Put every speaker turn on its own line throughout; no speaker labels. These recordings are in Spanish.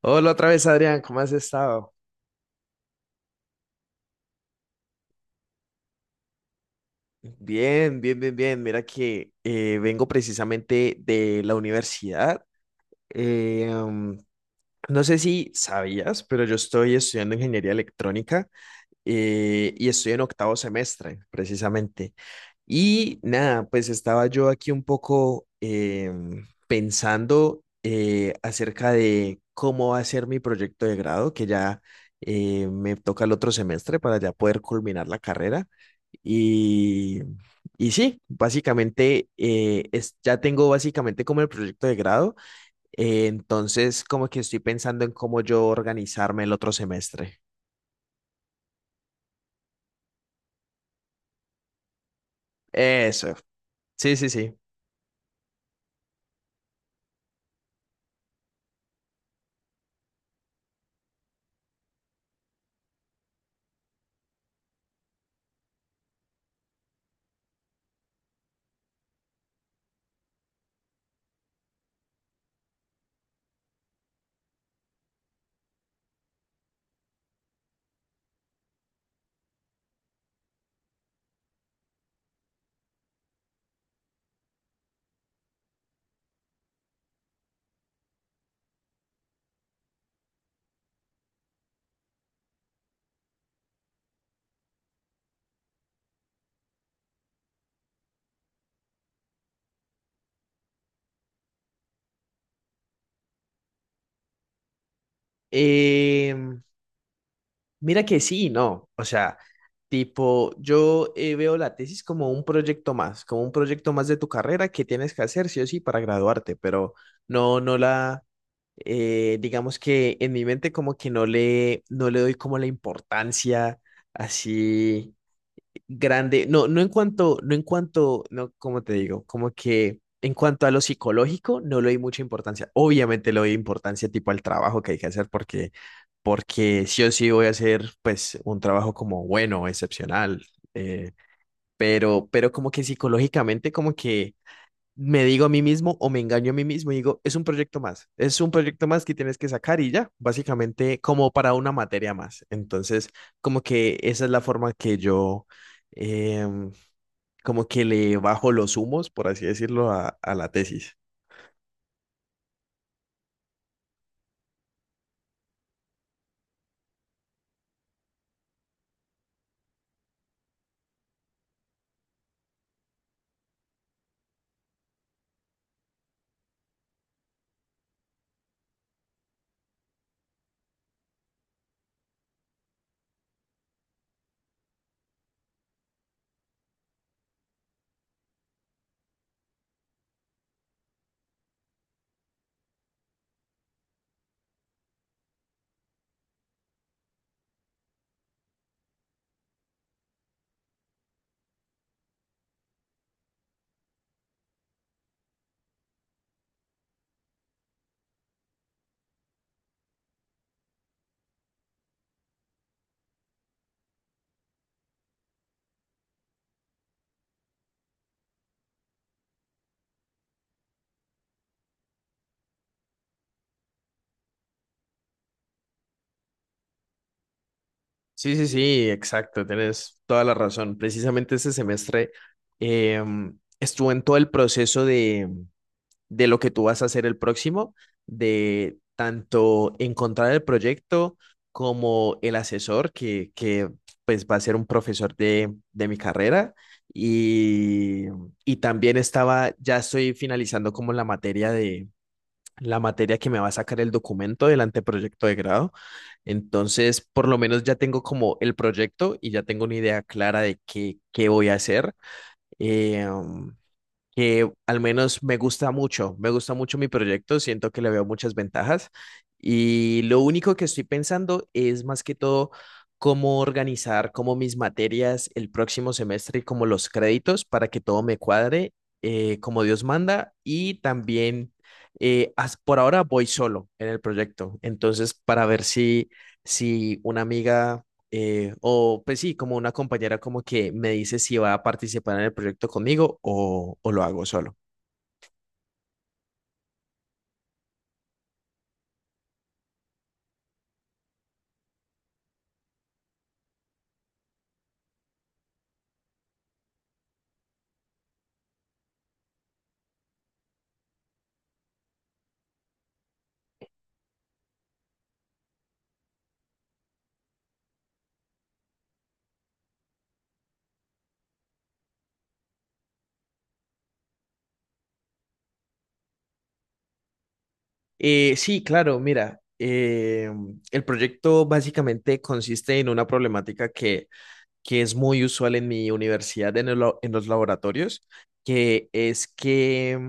Hola otra vez, Adrián, ¿cómo has estado? Bien, bien, bien, bien. Mira que vengo precisamente de la universidad. Eh, um, no sé si sabías, pero yo estoy estudiando ingeniería electrónica y estoy en octavo semestre, precisamente. Y nada, pues estaba yo aquí un poco pensando acerca de cómo va a ser mi proyecto de grado, que ya me toca el otro semestre para ya poder culminar la carrera. Y, y sí, básicamente ya tengo básicamente como el proyecto de grado, entonces como que estoy pensando en cómo yo organizarme el otro semestre. Eso, sí, sí, sí. Em, Mira que sí, y no. O sea, tipo, yo veo la tesis como un proyecto más, como un proyecto más de tu carrera que tienes que hacer sí o sí para graduarte, pero no, no la, digamos que en mi mente como que no le doy como la importancia así grande, no, no en cuanto, no en cuanto, no, cómo te digo, como que en cuanto a lo psicológico, no le di mucha importancia. Obviamente le doy importancia tipo al trabajo que hay que hacer porque, sí o sí voy a hacer pues un trabajo como bueno, excepcional, eh, pero como que psicológicamente como que me digo a mí mismo o me engaño a mí mismo y digo, es un proyecto más, es un proyecto más que tienes que sacar y ya, básicamente como para una materia más. Entonces, como que esa es la forma que yo, em, como que le bajo los humos, por así decirlo, a la tesis. Sí, sí, sí, exacto, tienes toda la razón. Precisamente este semestre estuve en todo el proceso de lo que tú vas a hacer el próximo, de tanto encontrar el proyecto como el asesor que pues va a ser un profesor de mi carrera y, y también estaba, ya estoy finalizando como la materia que me va a sacar el documento del anteproyecto de grado. Entonces, por lo menos ya tengo como el proyecto y ya tengo una idea clara de qué voy a hacer. Eh, um, que al menos me gusta mucho mi proyecto, siento que le veo muchas ventajas y lo único que estoy pensando es más que todo cómo organizar como mis materias el próximo semestre y como los créditos para que todo me cuadre como Dios manda y también por ahora voy solo en el proyecto, entonces para ver si, si una amiga o pues sí, como una compañera como que me dice si va a participar en el proyecto conmigo o lo hago solo. Sí, claro, mira, el proyecto básicamente consiste en una problemática que es muy usual en mi universidad, en los laboratorios, que es que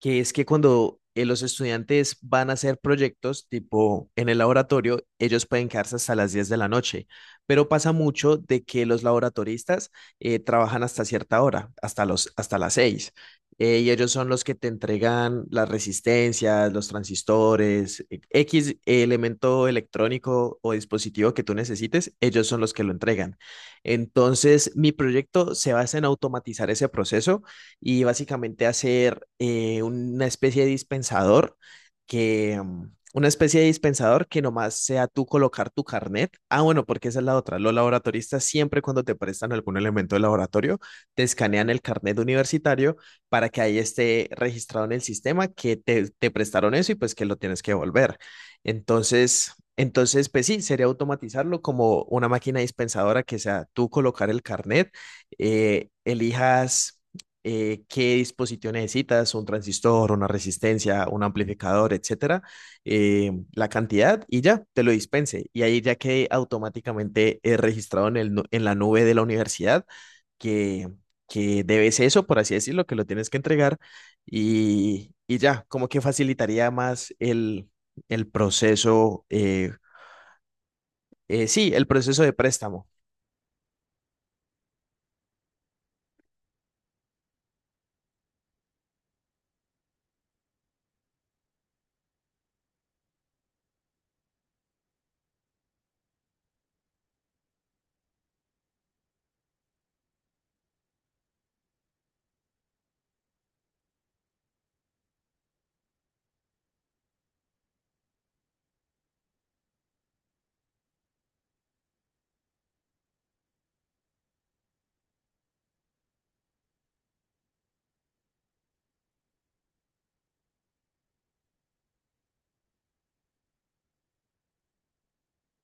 que es que cuando los estudiantes van a hacer proyectos tipo en el laboratorio, ellos pueden quedarse hasta las 10 de la noche, pero pasa mucho de que los laboratoristas trabajan hasta cierta hora, hasta las 6 y ellos son los que te entregan las resistencias, los transistores, X elemento electrónico o dispositivo que tú necesites, ellos son los que lo entregan. Entonces, mi proyecto se basa en automatizar ese proceso y básicamente hacer una especie de dispensador que nomás sea tú colocar tu carnet. Ah, bueno, porque esa es la otra. Los laboratoristas siempre cuando te prestan algún elemento de laboratorio, te escanean el carnet universitario para que ahí esté registrado en el sistema que te prestaron eso y pues que lo tienes que devolver. Entonces, pues sí, sería automatizarlo como una máquina dispensadora que sea tú colocar el carnet, elijas qué dispositivo necesitas, un transistor, una resistencia, un amplificador, etcétera, la cantidad y ya te lo dispense. Y ahí ya quede automáticamente registrado en la nube de la universidad que, que debes eso, por así decirlo, que lo tienes que entregar y ya, como que facilitaría más el proceso, sí, el proceso de préstamo.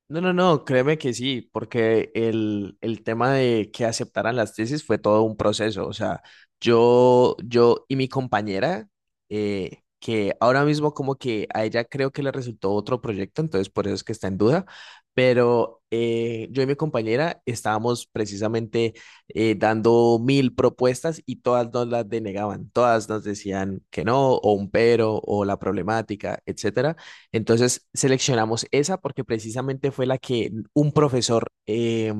No, no, no, créeme que sí, porque el tema de que aceptaran las tesis fue todo un proceso. O sea, yo y mi compañera, que ahora mismo como que a ella creo que le resultó otro proyecto, entonces por eso es que está en duda, pero yo y mi compañera estábamos precisamente dando mil propuestas y todas nos las denegaban, todas nos decían que no, o un pero, o la problemática, etcétera. Entonces seleccionamos esa porque precisamente fue la que un profesor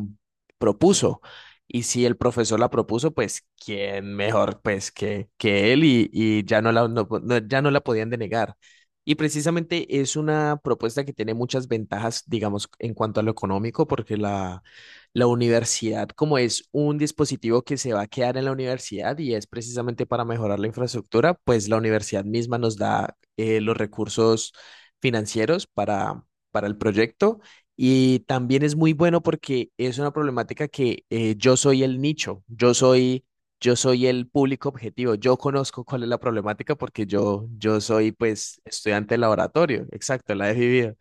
propuso. Y si el profesor la propuso, pues quién mejor pues que él y ya no la podían denegar. Y precisamente es una propuesta que tiene muchas ventajas, digamos, en cuanto a lo económico, porque la universidad, como es un dispositivo que se va a quedar en la universidad y es precisamente para mejorar la infraestructura, pues la universidad misma nos da los recursos financieros para el proyecto y también es muy bueno porque es una problemática que yo soy el nicho, yo soy el público objetivo, yo conozco cuál es la problemática porque yo soy pues estudiante de laboratorio, exacto, la he vivido.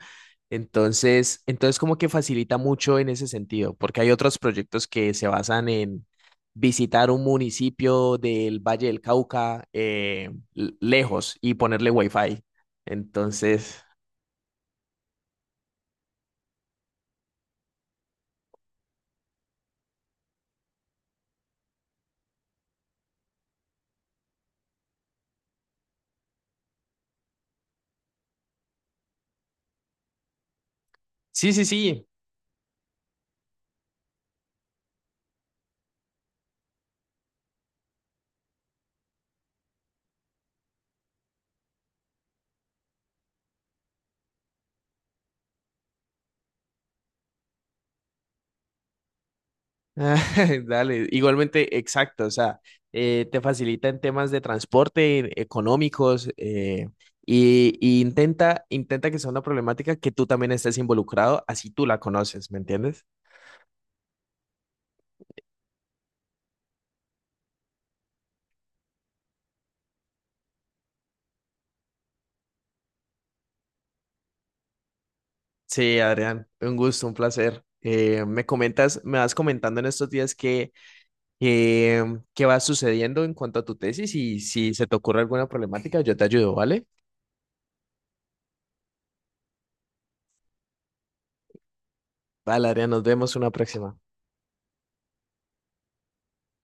Entonces, como que facilita mucho en ese sentido, porque hay otros proyectos que se basan en visitar un municipio del Valle del Cauca lejos y ponerle wifi. Entonces, Sí, sí, sí. Dale, igualmente, exacto. O sea, te facilita en temas de transporte, económicos, y intenta que sea una problemática que tú también estés involucrado, así tú la conoces, ¿me entiendes? Sí, Adrián, un gusto, un placer. Me vas comentando en estos días que, eh, qué va sucediendo en cuanto a tu tesis y si se te ocurre alguna problemática, yo te ayudo, ¿vale? Vale, Adrián, nos vemos una próxima.